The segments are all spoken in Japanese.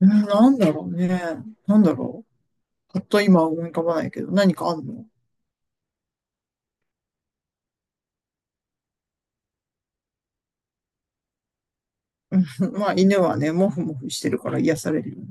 うん、なんだろうね。なんだろう。パっと今は思い浮かばないけど、何かあんの？うん、まあ、犬はね、もふもふしてるから癒されるよね。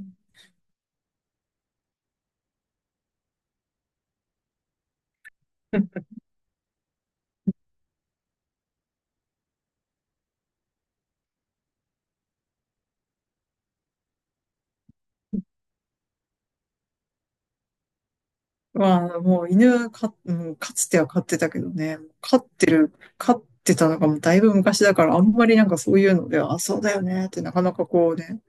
まあ、もう犬か、うん、かつては飼ってたけどね、飼ってたのがもうだいぶ昔だから、あんまりなんかそういうのでは、あ、そうだよねってなかなかこうね、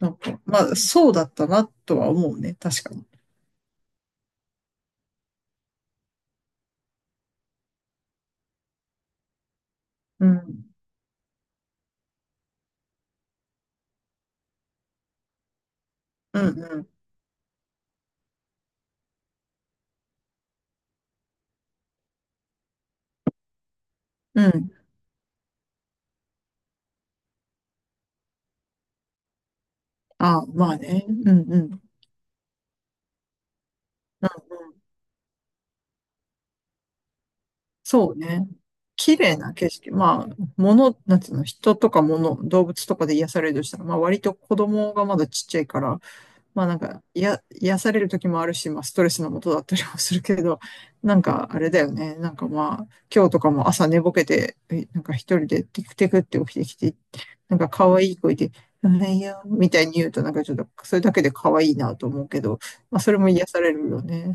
なんか、まあ、そうだったなとは思うね、確かに。うん、うん、うん、うん。あ、まあね、うん、うん。そうね。綺麗な景色。まあ、物、なんていうの、人とか物、動物とかで癒されるとしたら、まあ割と子供がまだちっちゃいから、まあなんか、や、癒される時もあるし、まあストレスのもとだったりもするけど、なんかあれだよね。なんかまあ、今日とかも朝寝ぼけて、なんか一人でテクテクって起きてきて、なんか可愛い声で、うんいや、みたいに言うとなんかちょっと、それだけで可愛いなと思うけど、まあそれも癒されるよね。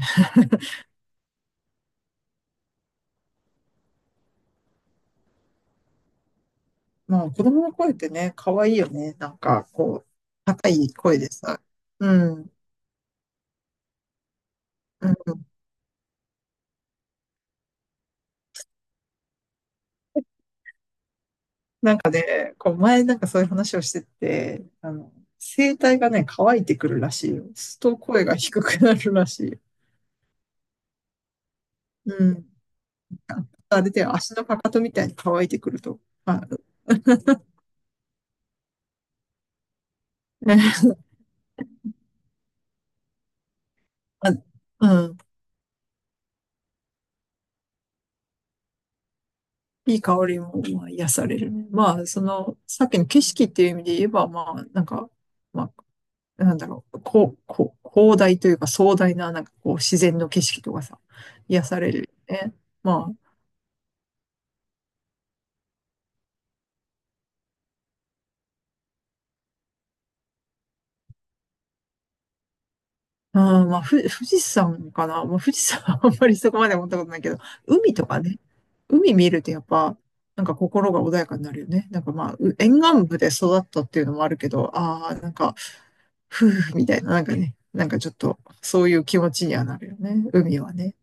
まあ、子供の声ってね、可愛いよね。なんか、こう、高い声でさ。うん。うん。なんかね、こう、前なんかそういう話をしてて、声帯がね、乾いてくるらしいよ。すると声が低くなるらしいよ。うん。あ、出て足のかかとみたいに乾いてくると。まあ、あ、うん。いい香りも、まあ、癒されるね。まあ、その、さっきの景色っていう意味で言えば、まあ、なんか、まあ、なんだろう、こう、広大というか壮大な、なんかこう、自然の景色とかさ、癒されるよね。まあ、まあ、富士山かな。まあ、富士山は あんまりそこまで思ったことないけど、海とかね、海見るとやっぱ、なんか心が穏やかになるよね。なんかまあ、沿岸部で育ったっていうのもあるけど、ああ、なんか、夫婦みたいな、なんかね、なんかちょっと、そういう気持ちにはなるよね、海はね。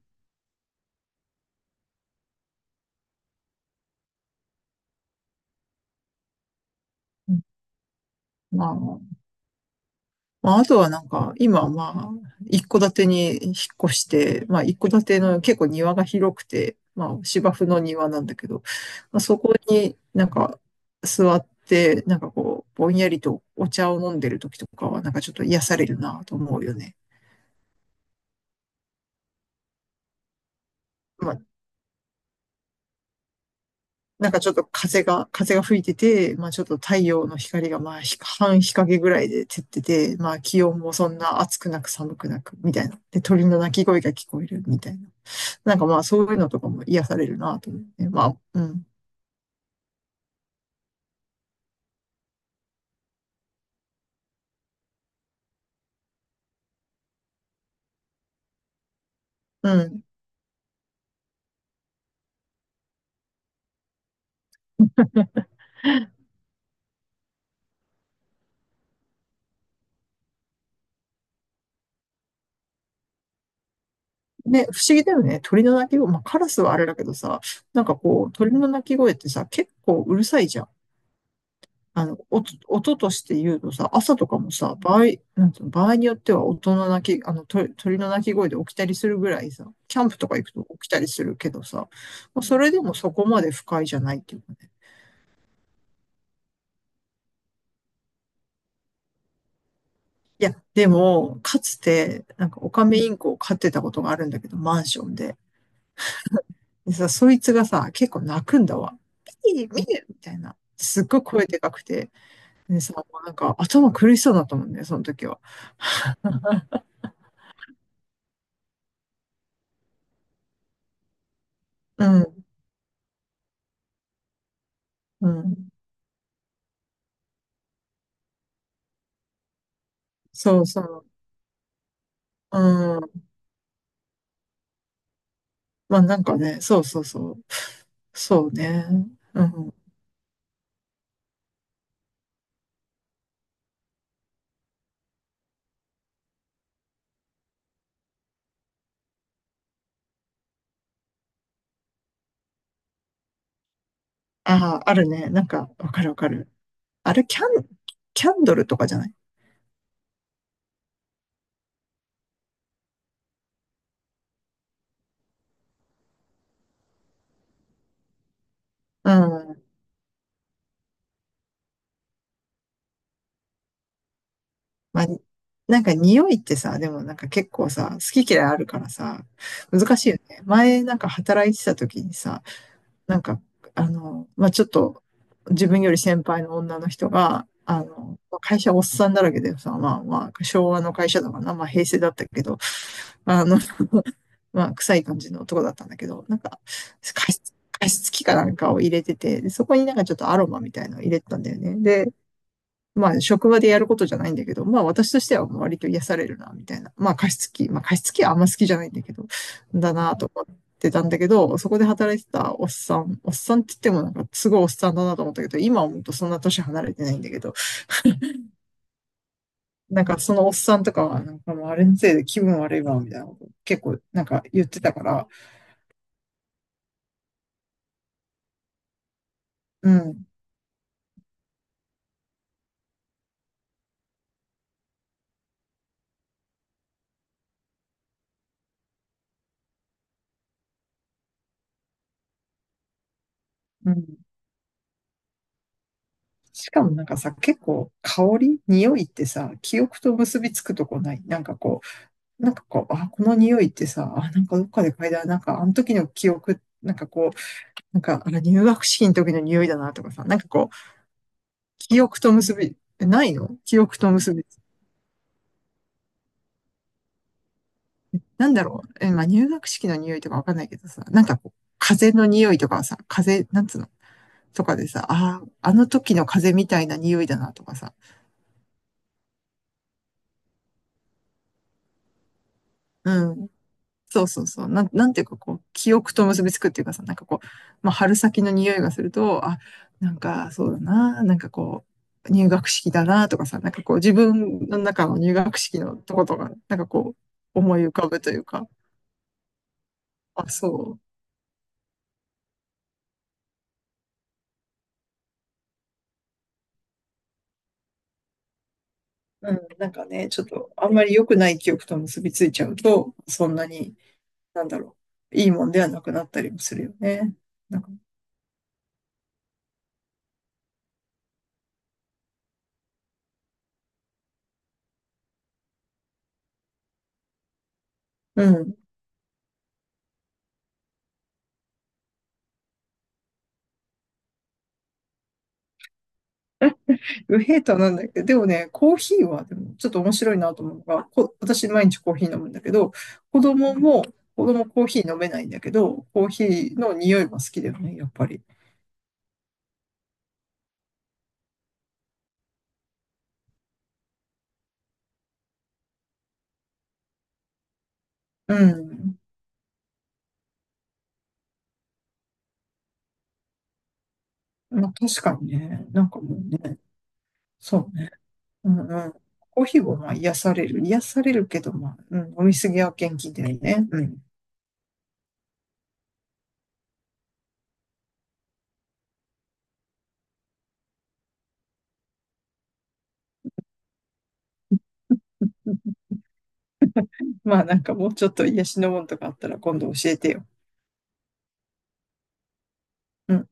うん、まあ、まあ、あとはなんか、今まあ、一戸建てに引っ越して、まあ、一戸建ての結構庭が広くて、まあ、芝生の庭なんだけど、まあ、そこになんか座って、なんかこう、ぼんやりとお茶を飲んでる時とかは、なんかちょっと癒されるなと思うよね。まあ、なんかちょっと風が吹いてて、まあ、ちょっと太陽の光がまあ、半日陰ぐらいで照ってて、まあ、気温もそんな暑くなく寒くなく、みたいな。で、鳥の鳴き声が聞こえる、みたいな。なんかまあそういうのとかも癒されるなと思って。まあ、うん。うん。で、不思議だよね。鳥の鳴き声。まあカラスはあれだけどさ、なんかこう、鳥の鳴き声ってさ、結構うるさいじゃん。音として言うとさ、朝とかもさ、なんつうの、場合によっては音の鳴き、あの、鳥、鳥の鳴き声で起きたりするぐらいさ、キャンプとか行くと起きたりするけどさ、まあ、それでもそこまで不快じゃないっていうかね。いや、でも、かつて、なんかオカメインコを飼ってたことがあるんだけど、マンションで。でさ、そいつがさ、結構泣くんだわ。ピー、見てみたいな。すっごい声でかくて。でさ、もうなんか頭苦しそうだったもんね、その時は。うん、うん。そうそう。うん。まあなんかね、そうそうそう。そうね。うん。ああ、あるね。なんか、わかるわかる。あれ、キャンドルとかじゃない？うん。まあ、なんか匂いってさ、でもなんか結構さ、好き嫌いあるからさ、難しいよね。前なんか働いてた時にさ、なんか、まあ、ちょっと、自分より先輩の女の人が、会社おっさんだらけでさ、まあまあ、昭和の会社だからな、まあ平成だったけど、あの、まあ、臭い感じの男だったんだけど、なんか、加湿器かなんかを入れてて、でそこになんかちょっとアロマみたいなのを入れてたんだよね。で、まあ、職場でやることじゃないんだけど、まあ、私としては割と癒されるな、みたいな。まあ、加湿器、まあ、加湿器はあんま好きじゃないんだけど、だなと思ってたんだけど、そこで働いてたおっさん、おっさんって言ってもなんかすごいおっさんだなと思ったけど、今思うとそんな年離れてないんだけど、なんかそのおっさんとかは、なんかもうあれのせいで気分悪いわ、みたいなこと結構なんか言ってたから、うん、うん。しかもなんかさ、結構香り、匂いってさ、記憶と結びつくとこない？なんかこう、あ、この匂いってさ、あ、なんかどっかで嗅いだ、なんかあの時の記憶、なんかこう、なんかあの入学式の時の匂いだなとかさ、なんかこう、記憶と結び、ないの記憶と結び。なんだろう、まあ、入学式の匂いとかわかんないけどさ、なんかこう、風の匂いとかさ、風、なんつうのとかでさ、ああ、あの時の風みたいな匂いだなとかさ、うん、そうそうそう。なんていうかこう、記憶と結びつくっていうかさ、なんかこう、まあ、春先の匂いがすると、あ、なんかそうだな、なんかこう、入学式だなとかさ、なんかこう、自分の中の入学式のとことか、なんかこう、思い浮かぶというか、あ、そう。うん、なんかね、ちょっと、あんまり良くない記憶と結びついちゃうと、そんなに、なんだろう、いいもんではなくなったりもするよね。なんか、うん。ウヘーターなんだけど、でもね、コーヒーはでもちょっと面白いなと思うのが、私毎日コーヒー飲むんだけど、子供も、子供コーヒー飲めないんだけど、コーヒーの匂いが好きだよね、やっぱり。うん。まあ、確かにね、なんかもうね、そうね。うんうん。コーヒーはまあ癒される。癒されるけど、まあ、うん、飲みすぎは元気だよね。うん。まあなんかもうちょっと癒しのものとかあったら今度教えてよ。うん。